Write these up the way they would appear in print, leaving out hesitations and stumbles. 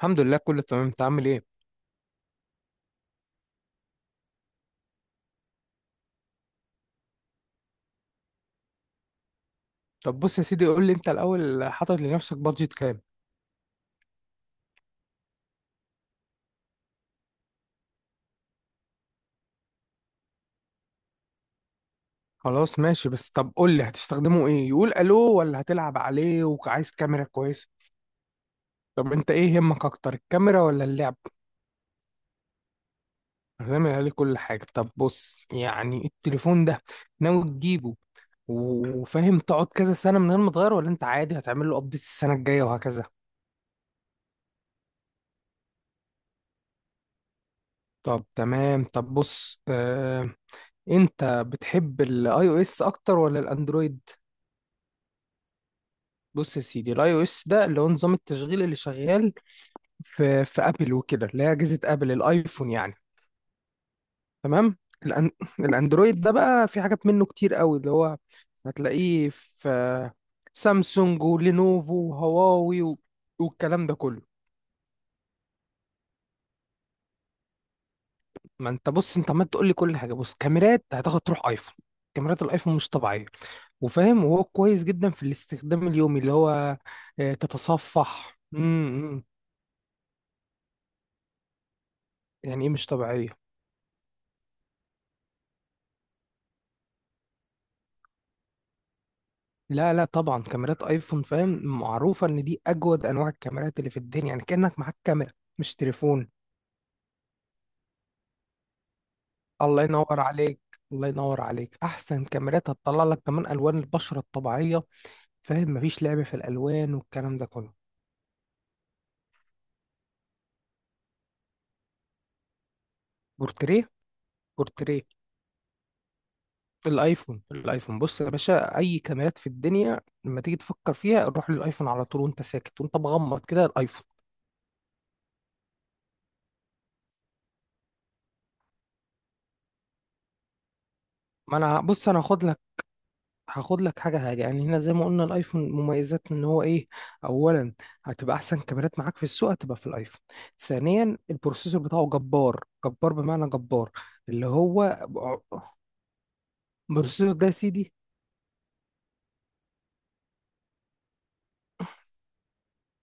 الحمد لله كله تمام. انت عامل ايه؟ طب بص يا سيدي، قول لي انت الاول: حاطط لنفسك بادجت كام؟ خلاص ماشي، بس طب قول لي هتستخدمه ايه؟ يقول الو ولا هتلعب عليه وعايز كاميرا كويسه؟ طب انت ايه يهمك اكتر، الكاميرا ولا اللعب؟ هنعمل عليه كل حاجه. طب بص، يعني التليفون ده ناوي تجيبه وفاهم تقعد كذا سنه من غير ما تغيره، ولا انت عادي هتعمل له ابديت السنه الجايه وهكذا؟ طب تمام. طب بص، انت بتحب الاي او اس اكتر ولا الاندرويد؟ بص يا سيدي، الاي او اس ده اللي هو نظام التشغيل اللي شغال في ابل وكده، اللي هي اجهزه ابل، الايفون يعني. تمام. الأن الاندرويد ده بقى في حاجات منه كتير قوي، اللي هو هتلاقيه في سامسونج ولينوفو وهواوي و... والكلام ده كله. ما انت بص، انت عمال تقول لي كل حاجه. بص، كاميرات هتاخد تروح ايفون. كاميرات الايفون مش طبيعيه وفاهم، وهو كويس جدا في الاستخدام اليومي اللي هو تتصفح يعني ايه مش طبيعيه؟ لا لا، طبعا كاميرات ايفون فاهم، معروفة ان دي اجود انواع الكاميرات اللي في الدنيا، يعني كأنك معاك كاميرا مش تليفون. الله ينور عليك، الله ينور عليك. احسن كاميرات، هتطلع لك كمان الوان البشرة الطبيعية فاهم، مفيش لعب في الالوان والكلام ده كله. بورتريه. بورتريه. الايفون، الايفون بص يا باشا، اي كاميرات في الدنيا لما تيجي تفكر فيها، روح للايفون على طول وانت ساكت وانت مغمض كده، الايفون. ما انا بص، انا هاخد، هاخد لك حاجة حاجة. يعني هنا زي ما قلنا، الايفون مميزات ان هو ايه؟ اولا، هتبقى احسن كاميرات معاك في السوق هتبقى في الايفون. ثانيا، البروسيسور بتاعه جبار، جبار بمعنى جبار. اللي هو بروسيسور ده يا سيدي،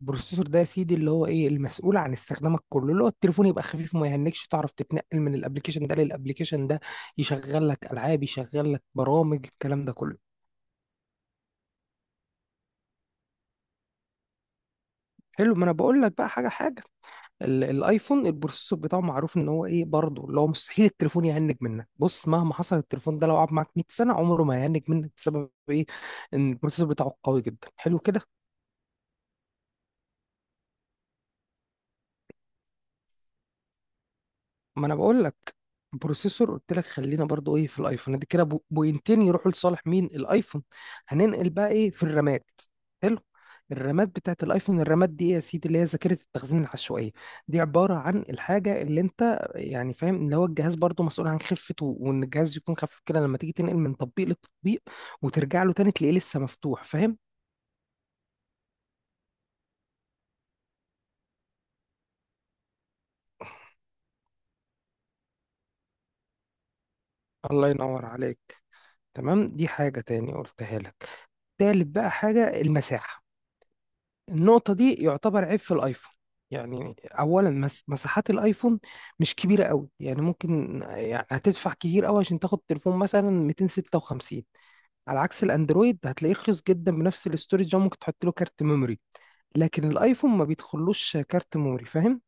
البروسيسور ده يا سيدي اللي هو ايه، المسؤول عن استخدامك كله. اللي هو التليفون يبقى خفيف وما يهنكش، تعرف تتنقل من الابليكيشن ده للابليكيشن ده، يشغل لك العاب، يشغل لك برامج، الكلام ده كله. حلو، ما انا بقول لك بقى حاجة حاجة. الايفون البروسيسور بتاعه معروف ان هو ايه برضه، اللي هو مستحيل التليفون يهنج منك. بص، مهما حصل التليفون ده، لو قعد معاك 100 سنه عمره ما هيهنج منك. بسبب ايه؟ ان البروسيسور بتاعه قوي جدا. حلو كده. ما انا بقول لك، بروسيسور قلت لك. خلينا برضو ايه في الايفون، دي كده بوينتين يروحوا لصالح مين؟ الايفون. هننقل بقى ايه، في الرامات. حلو. الرامات بتاعت الايفون، الرامات دي ايه يا سيدي؟ اللي هي ذاكره التخزين العشوائيه. دي عباره عن الحاجه اللي انت يعني فاهم ان هو الجهاز برضو مسؤول عن خفه، وان الجهاز يكون خفيف كده لما تيجي تنقل من تطبيق للتطبيق وترجع له تاني تلاقيه لسه مفتوح فاهم. الله ينور عليك. تمام، دي حاجه تاني قلتها لك. تالت بقى حاجه، المساحه. النقطة دي يعتبر عيب في الايفون. يعني اولا، مساحات الايفون مش كبيرة قوي. يعني ممكن، يعني هتدفع كتير قوي عشان تاخد تليفون مثلا 256. على عكس الاندرويد هتلاقيه رخيص جدا بنفس الاستورج ده، ممكن تحط له كارت ميموري. لكن الايفون ما بيدخلوش كارت ميموري فاهم.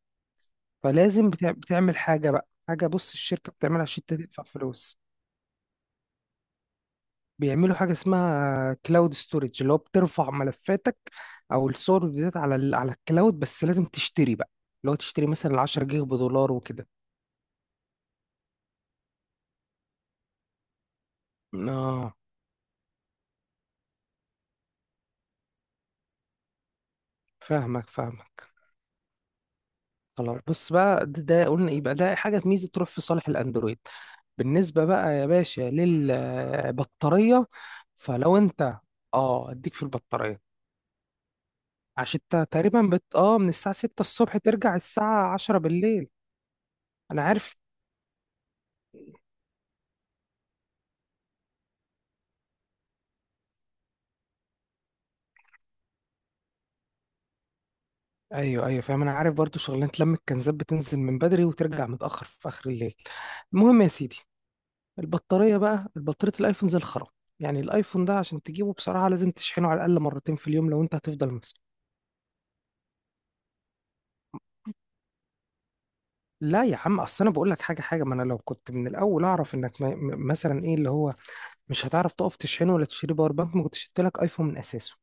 فلازم بتعمل حاجة بقى حاجة. بص، الشركة بتعملها عشان انت تدفع فلوس. بيعملوا حاجة اسمها كلاود ستورج، اللي هو بترفع ملفاتك او الصور والفيديوهات على على الكلاود، بس لازم تشتري بقى، اللي هو تشتري مثلا 10 جيجا بدولار وكده. اه فاهمك، فاهمك. خلاص، بص بقى ده قلنا يبقى ده حاجة ميزة تروح في صالح الاندرويد. بالنسبة بقى يا باشا للبطارية، فلو انت، اه اديك في البطارية. عشان انت تقريبا اه من الساعة 6 الصبح ترجع الساعة 10 بالليل. انا عارف. ايوه ايوه فاهم، انا عارف برضو شغلانه لم الكنزات بتنزل من بدري وترجع متاخر في اخر الليل. المهم يا سيدي، البطاريه بقى، البطاريه الايفون زي الخرا. يعني الايفون ده عشان تجيبه بصراحه لازم تشحنه على الاقل مرتين في اليوم لو انت هتفضل ماسكه. لا يا عم، اصل انا بقول لك حاجه حاجه. ما انا لو كنت من الاول اعرف انك مثلا ايه، اللي هو مش هتعرف تقف تشحنه ولا تشتري باور بانك، ما كنتش جبت لك ايفون من اساسه.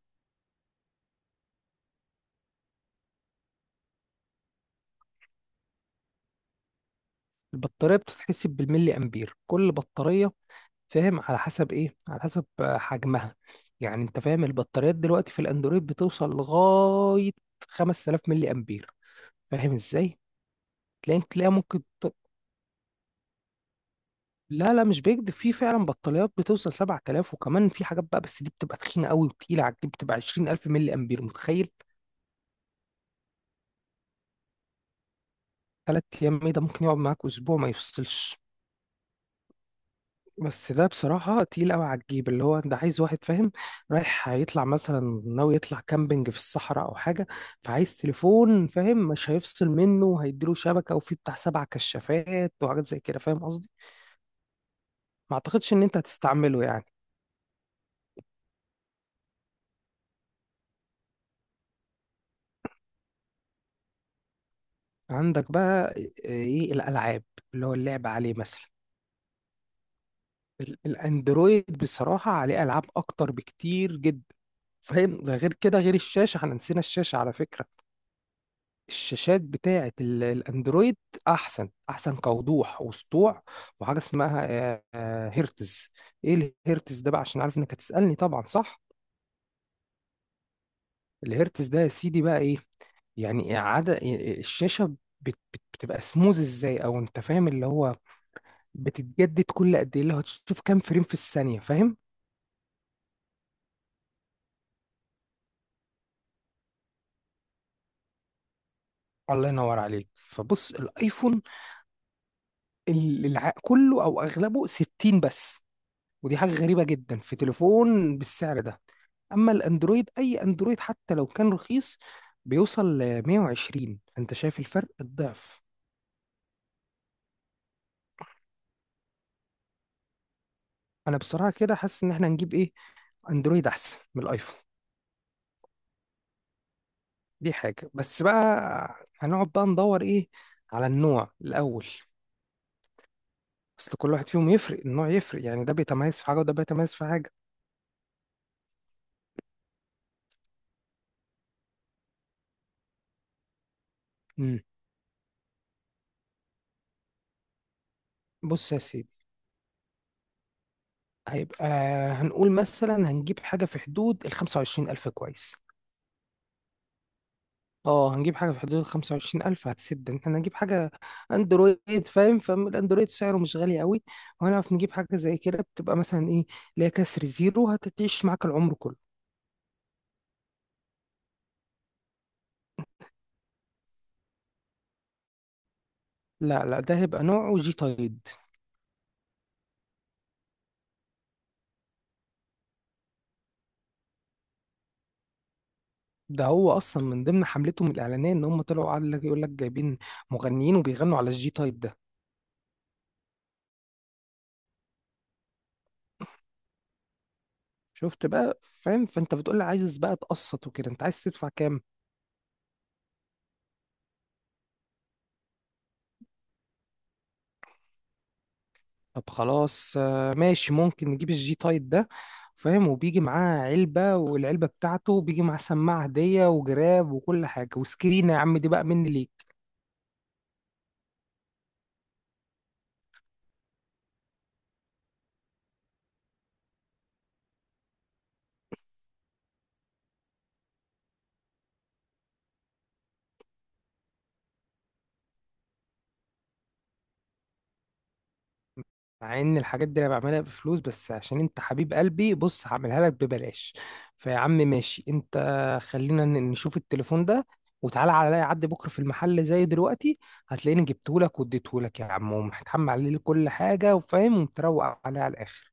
البطاريه بتتحسب بالملي امبير. كل بطاريه فاهم على حسب ايه، على حسب حجمها. يعني انت فاهم البطاريات دلوقتي في الاندرويد بتوصل لغاية 5,000 ملي امبير. فاهم ازاي؟ تلاقي لا لا مش بيكذب، في فعلا بطاريات بتوصل 7,000. وكمان في حاجات بقى، بس دي بتبقى تخينة قوي وتقيلة على الجيب، بتبقى 20,000 ملي امبير، متخيل؟ 3 ايام ايه ده؟ ممكن يقعد معاك اسبوع ما يفصلش. بس ده بصراحة تقيل قوي على الجيب. اللي هو انت عايز واحد فاهم رايح هيطلع، مثلا ناوي يطلع كامبينج في الصحراء او حاجة، فعايز تليفون فاهم مش هيفصل منه وهيديله شبكة وفيه بتاع سبع كشافات وحاجات زي كده، فاهم قصدي. ما اعتقدش ان انت هتستعمله يعني. عندك بقى ايه، الالعاب، اللي هو اللعب عليه مثلا. الاندرويد بصراحة عليه العاب اكتر بكتير جدا فاهم. ده غير كده، غير الشاشة، احنا نسينا الشاشة على فكرة. الشاشات بتاعة الأندرويد أحسن، أحسن كوضوح وسطوع. وحاجة اسمها هرتز. إيه الهرتز ده بقى؟ عشان عارف إنك هتسألني طبعا، صح؟ الهرتز ده يا سيدي بقى إيه؟ يعني إعادة الشاشة، بتبقى سموز إزاي، أو أنت فاهم اللي هو بتتجدد كل قد إيه، اللي هو تشوف كام فريم في الثانية فاهم. الله ينور عليك. فبص الآيفون كله أو أغلبه 60 بس، ودي حاجة غريبة جدا في تليفون بالسعر ده. اما الاندرويد، اي اندرويد حتى لو كان رخيص بيوصل ل 120. انت شايف الفرق الضعف؟ انا بصراحه كده حاسس ان احنا نجيب ايه، اندرويد احسن من الايفون. دي حاجه، بس بقى هنقعد بقى ندور ايه، على النوع الاول. اصل كل واحد فيهم يفرق، النوع يفرق، يعني ده بيتميز في حاجه وده بيتميز في حاجه. امم بص يا سيدي، هيبقى، هنقول مثلا هنجيب حاجه في حدود ال 25,000، كويس. اه، هنجيب حاجة في حدود الخمسة وعشرين ألف، هتسد إن احنا نجيب حاجة أندرويد فاهم. فالأندرويد سعره مش غالي قوي، وهنعرف نجيب حاجة زي كده بتبقى مثلا إيه، اللي هي كسر زيرو، هتعيش معاك العمر كله. لا لا، ده هيبقى نوعه جي تايد. ده هو أصلا من ضمن حملتهم الإعلانية إن هم طلعوا، قال لك يقول لك جايبين مغنيين وبيغنوا على الجي تايد ده. شفت بقى فاهم؟ فأنت بتقول لي عايز بقى تقسط وكده، أنت عايز تدفع كام؟ طب خلاص، ماشي، ممكن نجيب الجي تايب ده فاهم. وبيجي معاه علبة، والعلبة بتاعته بيجي معاه سماعة هدية وجراب وكل حاجة وسكرين يا عم، دي بقى مني ليك. مع ان الحاجات دي انا بعملها بفلوس، بس عشان انت حبيب قلبي بص هعملها لك ببلاش. فيا عم ماشي انت، خلينا نشوف التليفون ده، وتعالى عليا عدي بكرة في المحل زي دلوقتي، هتلاقيني جبتهولك واديتهولك يا عم ومحتحم عليه كل حاجة وفاهم ومتروق عليه على الآخر.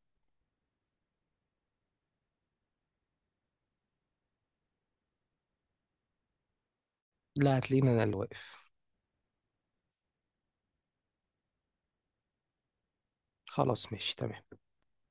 لا، هتلاقيني انا اللي واقف. خلاص ماشي تمام.